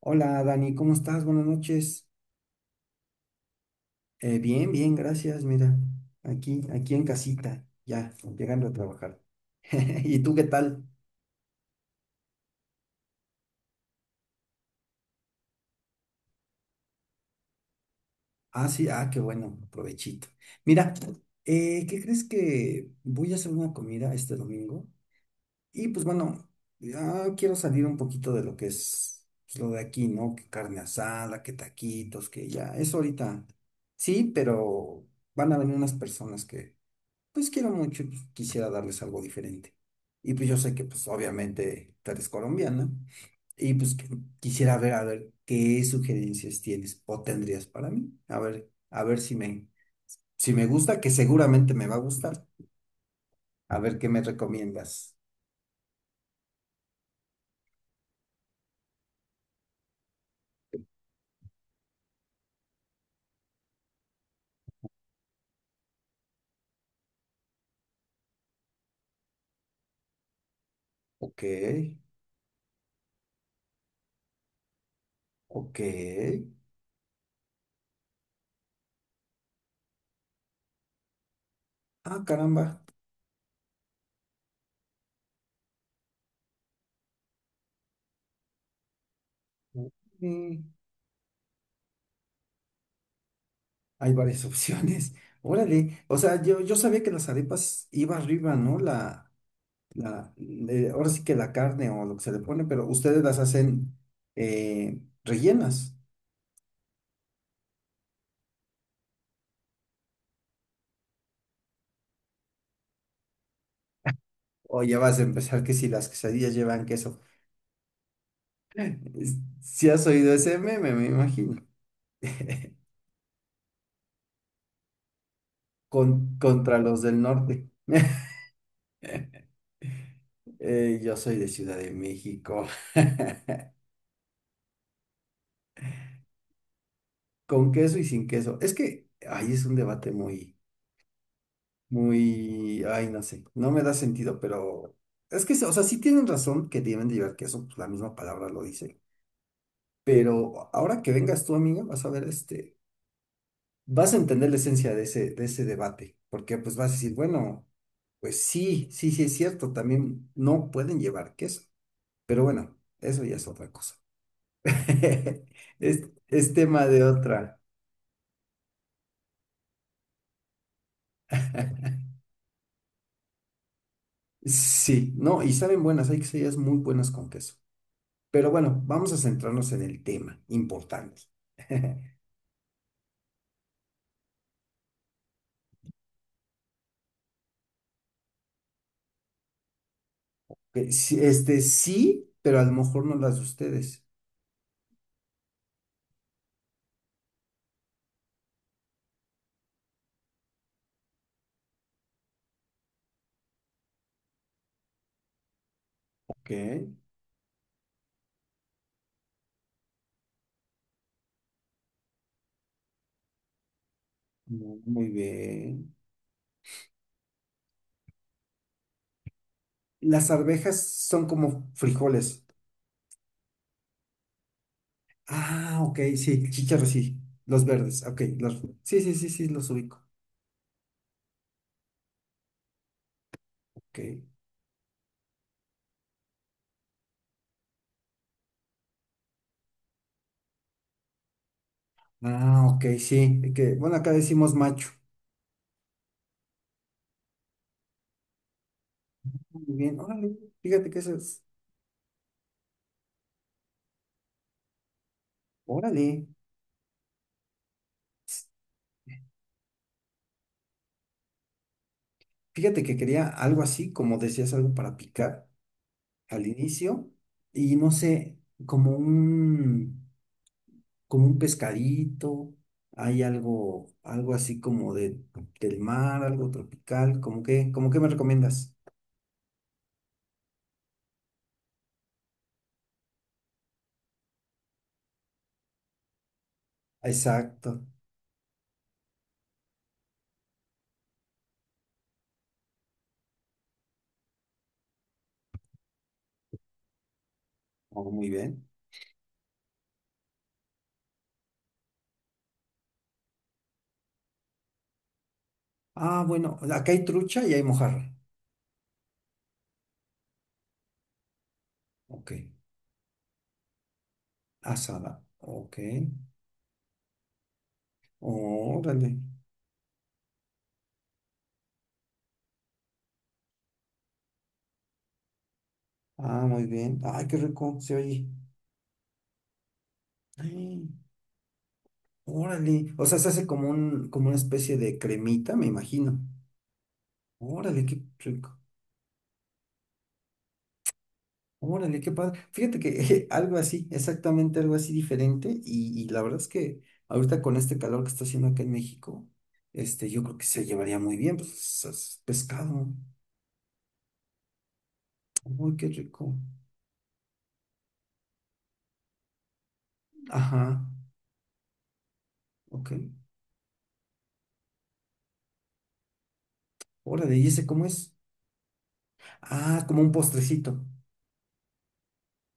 Hola Dani, ¿cómo estás? Buenas noches. Bien, bien, gracias. Mira, aquí en casita, ya, llegando a trabajar. ¿Y tú qué tal? Ah, sí, ah, qué bueno, provechito. Mira, ¿qué crees que voy a hacer una comida este domingo? Y pues bueno, ya quiero salir un poquito de lo que es pues, lo de aquí, ¿no? Que carne asada, que taquitos, que ya, eso ahorita. Sí, pero van a venir unas personas que pues quiero mucho, y quisiera darles algo diferente. Y pues yo sé que pues obviamente tú eres colombiana y quisiera ver a ver qué sugerencias tienes o tendrías para mí. A ver si me gusta, que seguramente me va a gustar. A ver qué me recomiendas. Ok, ok. Ah, caramba. Mm, hay varias opciones. Órale. O sea, yo sabía que las arepas iba arriba, ¿no? La ahora sí que la carne o lo que se le pone, pero ustedes las hacen rellenas. O ya vas a empezar que si las quesadillas llevan queso. Es- Si has oído ese meme, me imagino. Contra los del norte. Yo soy de Ciudad de México. Con queso y sin queso. Es que ahí es un debate muy, ay, no sé, no me da sentido, pero es que, o sea, sí tienen razón que deben de llevar queso, pues la misma palabra lo dice. Pero ahora que vengas tú, amiga, vas a ver, este, vas a entender la esencia de de ese debate, porque pues vas a decir, bueno, pues sí, sí, sí es cierto, también no pueden llevar queso, pero bueno, eso ya es otra cosa. Es tema de otra. Sí, no, y saben buenas, hay quesadillas muy buenas con queso. Pero bueno, vamos a centrarnos en el tema importante. Que sí, este sí, pero a lo mejor no las de ustedes. Ok, muy bien. Las arvejas son como frijoles. Ah, ok, sí, chícharos, sí. Los verdes, ok. Los... Sí, sí, sí, sí, los ubico. Ok. Ah, ok, sí. Que, bueno, acá decimos macho. Muy bien, órale. Fíjate que eso es. Órale. Fíjate que quería algo así, como decías, algo para picar al inicio. Y no sé, como un, como un pescadito. Hay algo, del mar, algo tropical. ¿Cómo que, como qué me recomiendas? Exacto. Oh, muy bien. Ah, bueno, acá hay trucha y hay mojarra. Ok. Asada. Ok. Órale. Ah, muy bien. Ay, qué rico se oye. Ay, órale. O sea, se hace como un, como una especie de cremita, me imagino. Órale, qué rico. Órale, qué padre. Fíjate que algo así, exactamente algo así diferente. Y la verdad es que ahorita con este calor que está haciendo acá en México, este, yo creo que se llevaría muy bien, pues es pescado. Uy, qué rico. Ajá, ok. Órale, ¿y ese cómo es? Ah, como un postrecito,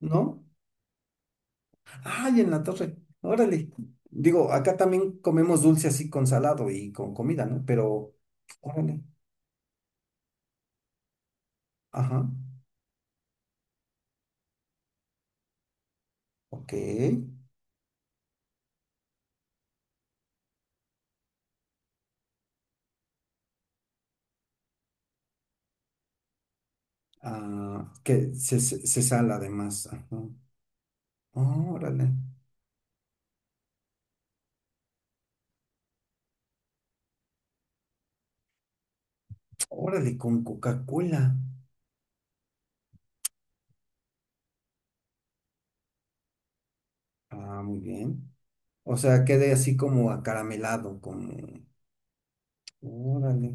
¿no? Ay, en la torre. Órale. Digo, acá también comemos dulce así con salado y con comida, ¿no? Pero, órale. Ajá, ok. Ah, que se sala además. Ajá. Órale. Órale, con Coca-Cola. Ah, muy bien. O sea, quede así como acaramelado, como... Órale.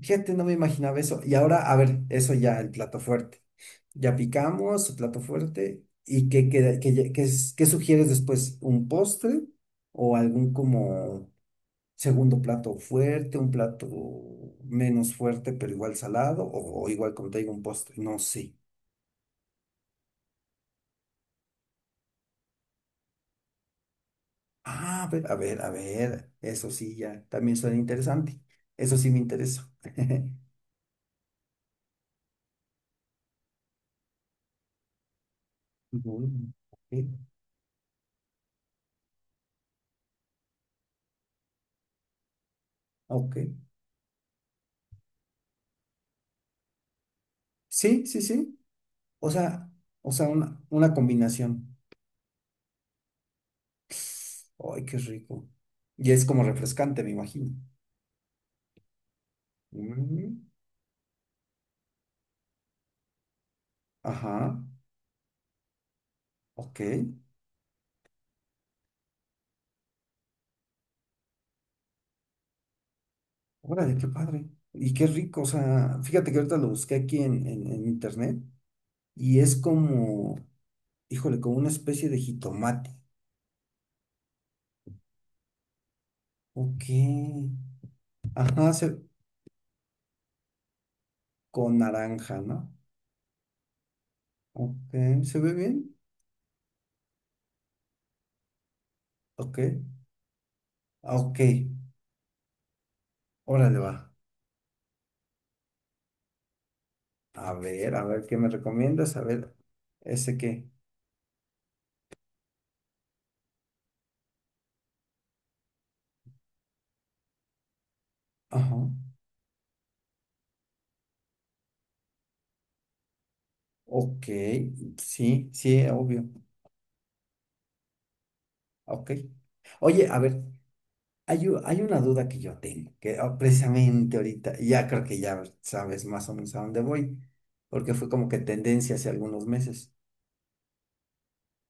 Fíjate, no me imaginaba eso. Y ahora, a ver, eso ya, el plato fuerte. Ya picamos, el plato fuerte. ¿Y qué, qué sugieres después? ¿Un postre o algún como segundo plato fuerte, un plato menos fuerte, pero igual salado o igual contigo un postre? No sé. Ah, a ver, a ver, a ver. Eso sí, ya, también suena interesante. Eso sí me interesa. Ujú, Ok. ok. Sí, sí, sí. O sea, una combinación. Ay, qué rico. Y es como refrescante, me imagino. Mm, ajá, ok. Órale, qué padre. Y qué rico. O sea, fíjate que ahorita lo busqué aquí en internet y es como, híjole, como una especie de jitomate. Ok. Ajá, se- con naranja, ¿no? Ok, ¿se ve bien? Ok. Ah, ok, órale, va. A ver, ¿qué me recomiendas? A ver, ¿ese qué? Ajá. Ok, sí, sí, obvio. Ok. Oye, a ver, hay una duda que yo tengo, que ah, precisamente ahorita, y ya creo que ya sabes más o menos a dónde voy, porque fue como que tendencia hace algunos meses.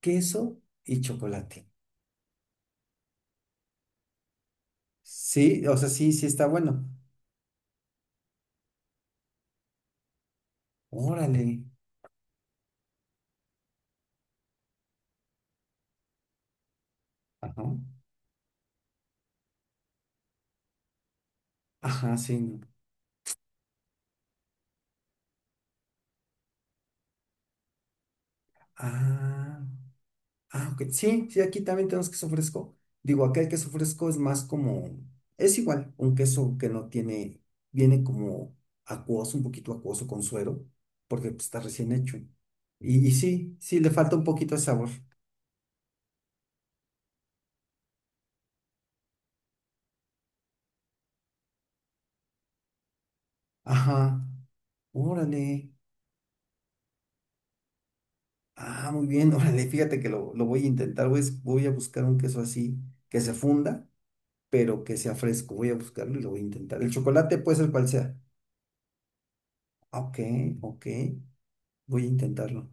Queso y chocolate. Sí, o sea, sí, sí está bueno. Órale. Ajá. Ajá, sí. No. Ah. Ah, ok. Sí, sí, aquí también tenemos queso fresco. Digo, acá el queso fresco es más como, es igual, un queso que no tiene, viene como acuoso, un poquito acuoso con suero, porque pues, está recién hecho. Y sí, sí, le falta un poquito de sabor. Ajá, órale. Ah, muy bien, órale, fíjate que lo voy a intentar, voy a buscar un queso así, que se funda, pero que sea fresco, voy a buscarlo y lo voy a intentar. El chocolate puede ser cual sea. Ok, ok, voy a intentarlo.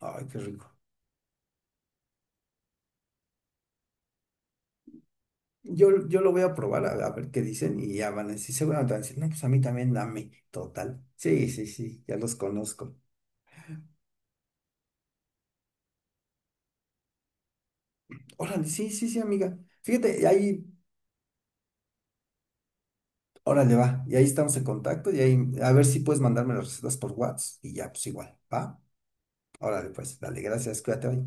Ay, qué rico. Yo lo voy a probar a ver qué dicen y ya van a decir, seguramente van a decir, no, pues a mí también dame, total. Sí, sí, sí, ya los conozco. Órale, sí, sí, sí, amiga. Fíjate, y ahí, órale, va. Y ahí estamos en contacto y ahí, a ver si puedes mandarme las recetas por WhatsApp y ya, pues igual, ¿va? Órale, pues, dale, gracias, cuídate hoy.